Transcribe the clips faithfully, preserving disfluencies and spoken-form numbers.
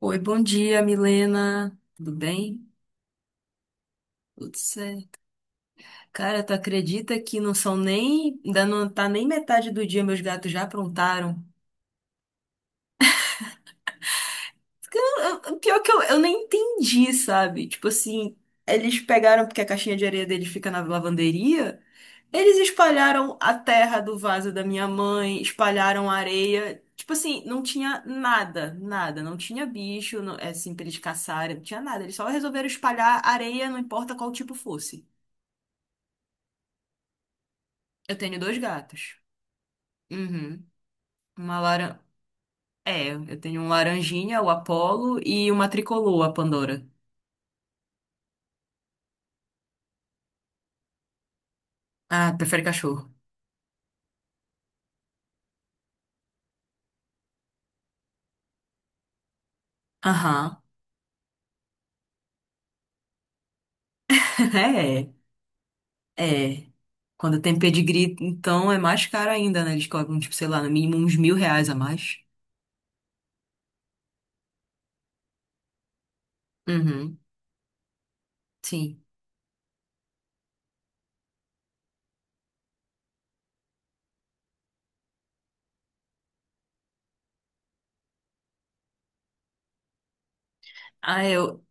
Oi, bom dia, Milena. Tudo bem? Tudo certo. Cara, tu acredita que não são nem. Ainda não tá nem metade do dia, meus gatos já aprontaram. Eu- eu- Pior que eu, eu nem entendi, sabe? Tipo assim, eles pegaram, porque a caixinha de areia deles fica na lavanderia, eles espalharam a terra do vaso da minha mãe, espalharam a areia. Tipo assim, não tinha nada, nada. Não tinha bicho, não, é, assim, pra eles caçarem, não tinha nada. Eles só resolveram espalhar areia, não importa qual tipo fosse. Eu tenho dois gatos. Uhum. Uma laran... É, eu tenho um laranjinha, o Apollo, e uma tricolor, a Pandora. Ah, prefere cachorro. Aham. É, é. Quando tem pedigree, então é mais caro ainda, né? Eles cobram, tipo, sei lá, no mínimo uns mil reais a mais. Uhum. Sim. Ah, eu.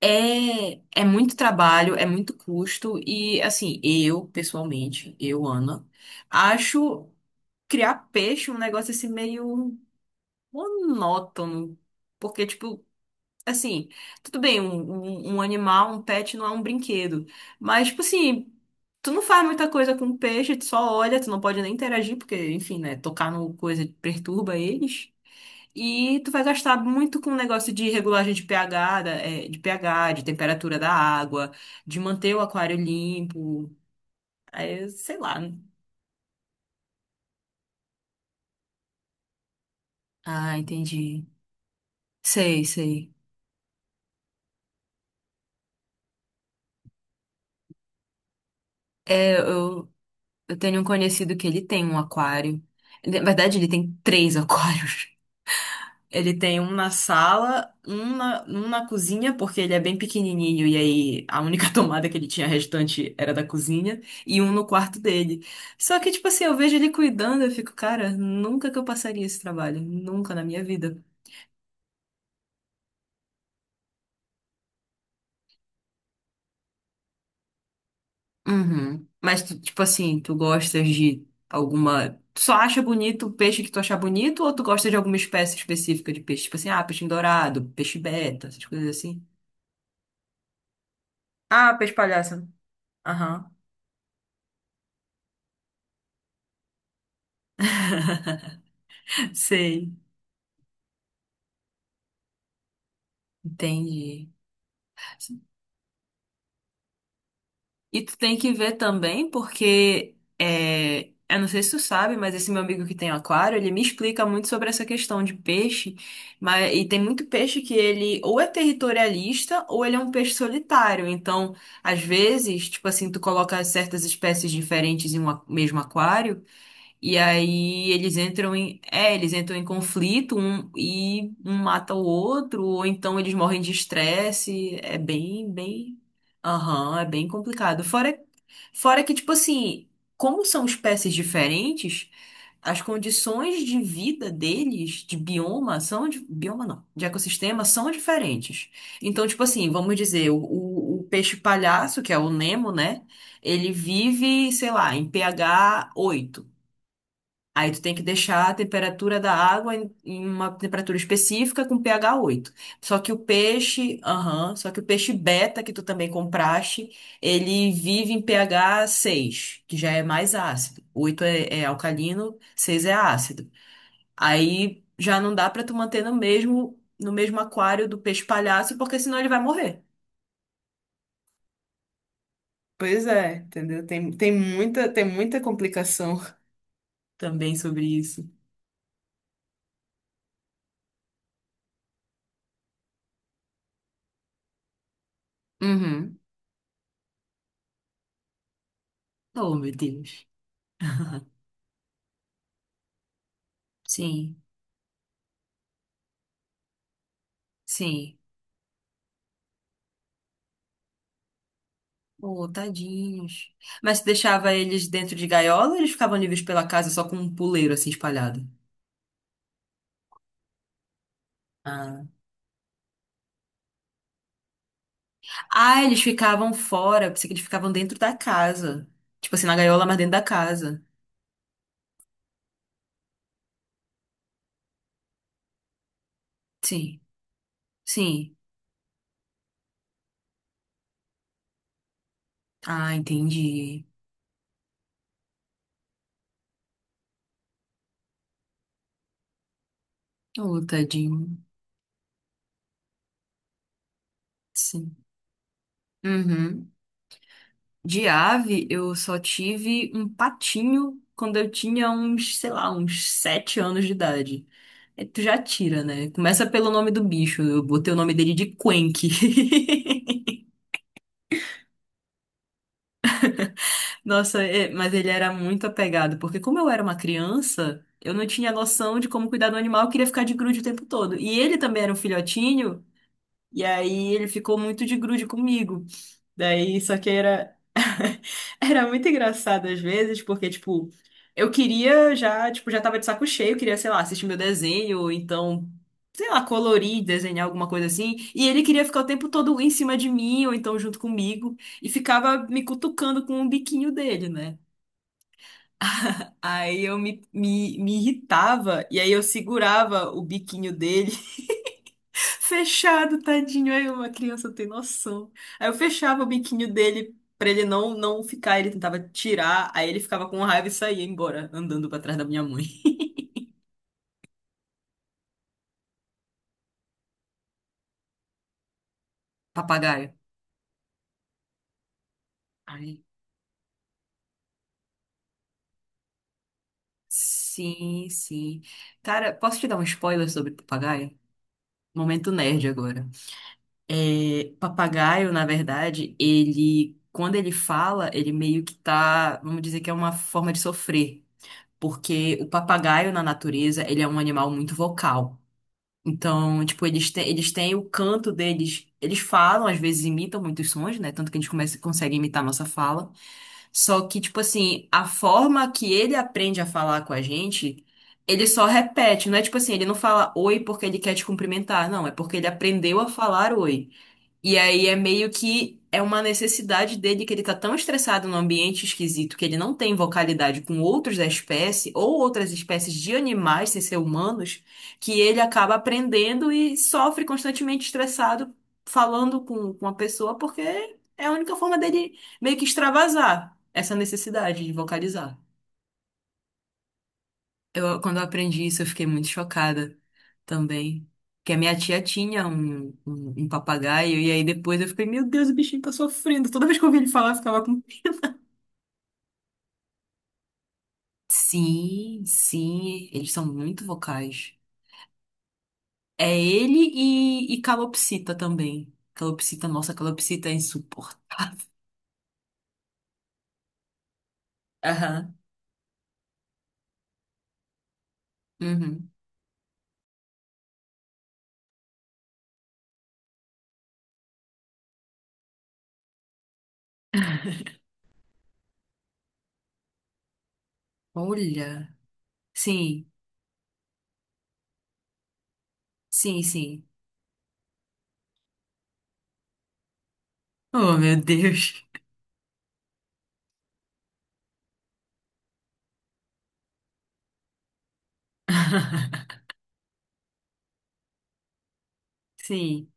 É, é muito trabalho, é muito custo e, assim, eu, pessoalmente, eu, Ana, acho criar peixe um negócio assim meio monótono. Porque, tipo, assim, tudo bem, um, um, um animal, um pet não é um brinquedo. Mas, tipo assim, tu não faz muita coisa com o peixe, tu só olha, tu não pode nem interagir, porque, enfim, né, tocar no coisa perturba eles. E tu vai gastar muito com o negócio de regulagem de pH, da- é, de pH, de temperatura da água, de manter o aquário limpo. Aí, sei lá, né? Ah, entendi. Sei, sei. É, eu, Eu tenho um conhecido que ele tem um aquário. Ele- Na verdade, ele tem três aquários. Ele tem um na sala, um na, um na cozinha, porque ele é bem pequenininho e aí a única tomada que ele tinha restante era da cozinha, e um no quarto dele. Só que, tipo assim, eu vejo ele cuidando, eu fico, cara, nunca que eu passaria esse trabalho, nunca na minha vida. Uhum. Mas tu, tipo assim, tu gostas de alguma. Tu só acha bonito o peixe que tu achar bonito, ou tu gosta de alguma espécie específica de peixe? Tipo assim, ah, peixe dourado, peixe beta, essas coisas assim. Ah, peixe palhaço. Aham. Sei. Entendi. E tu tem que ver também, porque é, eu não sei se tu sabe, mas esse meu amigo que tem aquário, ele me explica muito sobre essa questão de peixe, mas e tem muito peixe que ele ou é territorialista ou ele é um peixe solitário. Então, às vezes, tipo assim, tu coloca certas espécies diferentes em um a- mesmo aquário, e aí eles entram em, é, eles entram em conflito um, e um mata o outro, ou então eles morrem de estresse. É bem, bem, aham, é bem complicado. Fora, fora que, tipo assim, como são espécies diferentes, as condições de vida deles, de bioma, são, de, bioma não, de ecossistema, são diferentes. Então, tipo assim, vamos dizer, o, o o peixe palhaço, que é o Nemo, né? Ele vive, sei lá, em pH oito. Aí tu tem que deixar a temperatura da água em em uma temperatura específica com pH oito. Só que o peixe, Aham, só que o peixe beta que tu também compraste, ele vive em pH seis, que já é mais ácido. Oito é, é alcalino, seis é ácido. Aí já não dá pra tu manter no mesmo no mesmo aquário do peixe palhaço, porque senão ele vai morrer. Pois é, entendeu? Tem, tem muita, tem muita complicação. Também sobre isso. Uhum. Oh, meu Deus. Sim. Sim. Oh, tadinhos. Mas tu deixava eles dentro de gaiola, ou eles ficavam livres pela casa só com um puleiro assim espalhado? Ah. Ah, eles ficavam fora. Eu pensei que eles ficavam dentro da casa. Tipo assim, na gaiola, mas dentro da casa. Sim. Sim. Ah, entendi. Oh, tadinho. Sim. Uhum. De ave, eu só tive um patinho quando eu tinha uns, sei lá, uns sete anos de idade. É, tu já tira, né? Começa pelo nome do bicho. Eu botei o nome dele de Quenque. Nossa, é, mas ele era muito apegado, porque como eu era uma criança, eu não tinha noção de como cuidar do animal, eu queria ficar de grude o tempo todo. E ele também era um filhotinho, e aí ele ficou muito de grude comigo. Daí, só que era. Era muito engraçado às vezes, porque, tipo, eu queria já, tipo, já tava de saco cheio, queria, sei lá, assistir meu desenho, ou então, sei lá, colorir, desenhar alguma coisa assim. E ele queria ficar o tempo todo em cima de mim, ou então junto comigo, e ficava me cutucando com o biquinho dele, né? Aí eu me, me, me irritava, e aí eu segurava o biquinho dele fechado, tadinho. Aí uma criança não tem noção. Aí eu fechava o biquinho dele pra ele não, não ficar. Ele tentava tirar, aí ele ficava com raiva e saía embora, andando pra trás da minha mãe. Papagaio. Ai, sim, sim. Cara, posso te dar um spoiler sobre papagaio? Momento nerd agora. É, papagaio, na verdade, ele, quando ele fala, ele meio que tá, vamos dizer que é uma forma de sofrer. Porque o papagaio na natureza, ele é um animal muito vocal. Então, tipo, eles têm, eles têm o canto deles. Eles falam, às vezes imitam muitos sons, né? Tanto que a gente começa, consegue imitar a nossa fala. Só que, tipo assim, a forma que ele aprende a falar com a gente, ele só repete. Não é tipo assim, ele não fala oi porque ele quer te cumprimentar. Não, é porque ele aprendeu a falar oi. E aí é meio que é uma necessidade dele, que ele tá tão estressado num ambiente esquisito que ele não tem vocalidade com outros da espécie ou outras espécies de animais sem ser humanos, que ele acaba aprendendo e sofre constantemente estressado falando com, com a pessoa, porque é a única forma dele meio que extravasar essa necessidade de vocalizar. Eu, quando eu aprendi isso, eu fiquei muito chocada também. Que a minha tia tinha um, um, um papagaio, e aí depois eu fiquei, meu Deus, o bichinho tá sofrendo. Toda vez que eu ouvia ele falar, eu ficava com. Sim, sim, eles são muito vocais. É ele e, e calopsita também. Calopsita, nossa, calopsita é insuportável. Aham. Uhum. Olha. Sim, sim, sim. Oh, meu Deus. Sim.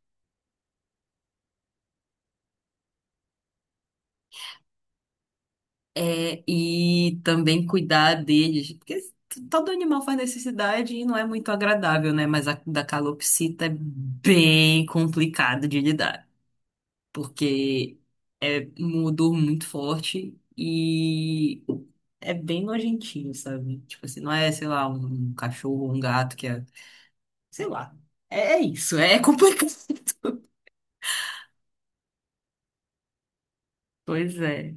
É, e também cuidar deles, porque todo animal faz necessidade e não é muito agradável, né? Mas a da calopsita é bem complicado de lidar, porque é um odor muito forte e é bem nojentinho, sabe? Tipo assim, não é, sei lá, um cachorro ou um gato que é, sei lá. É é isso, é complicado. Pois é.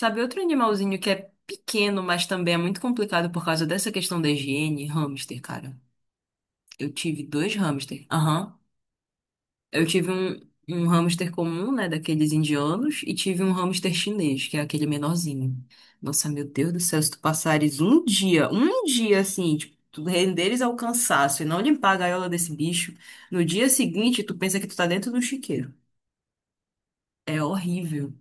Sabe, outro animalzinho que é pequeno, mas também é muito complicado por causa dessa questão da higiene? Hamster, cara. Eu tive dois hamster. Aham. Eu tive um, um hamster comum, né, daqueles indianos, e tive um hamster chinês, que é aquele menorzinho. Nossa, meu Deus do céu, se tu passares um dia, um dia assim, tipo, tu renderes ao cansaço e não limpar a gaiola desse bicho, no dia seguinte tu pensa que tu tá dentro do chiqueiro. É horrível.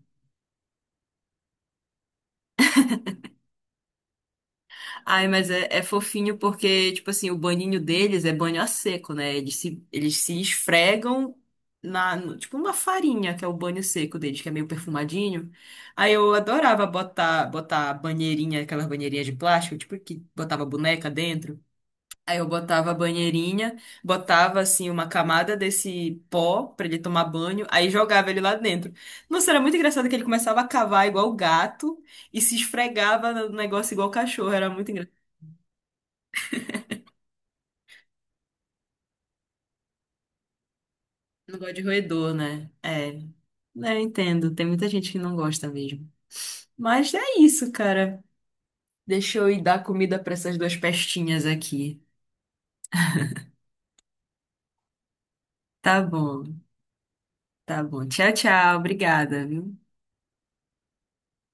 Ai, mas é, é fofinho porque, tipo assim, o banhinho deles é banho a seco, né? Eles se, eles se esfregam na, no- tipo, uma farinha, que é o banho seco deles, que é meio perfumadinho. Aí eu adorava botar, botar banheirinha, aquelas banheirinhas de plástico, tipo, que botava boneca dentro. Aí eu botava a banheirinha, botava, assim, uma camada desse pó pra ele tomar banho, aí jogava ele lá dentro. Nossa, era muito engraçado que ele começava a cavar igual gato e se esfregava no negócio igual cachorro, era muito engraçado. Não gosto de roedor, né? É, né, eu entendo. Tem muita gente que não gosta mesmo. Mas é isso, cara. Deixa eu ir dar comida para essas duas pestinhas aqui. Tá bom, tá bom. Tchau, tchau. Obrigada, viu?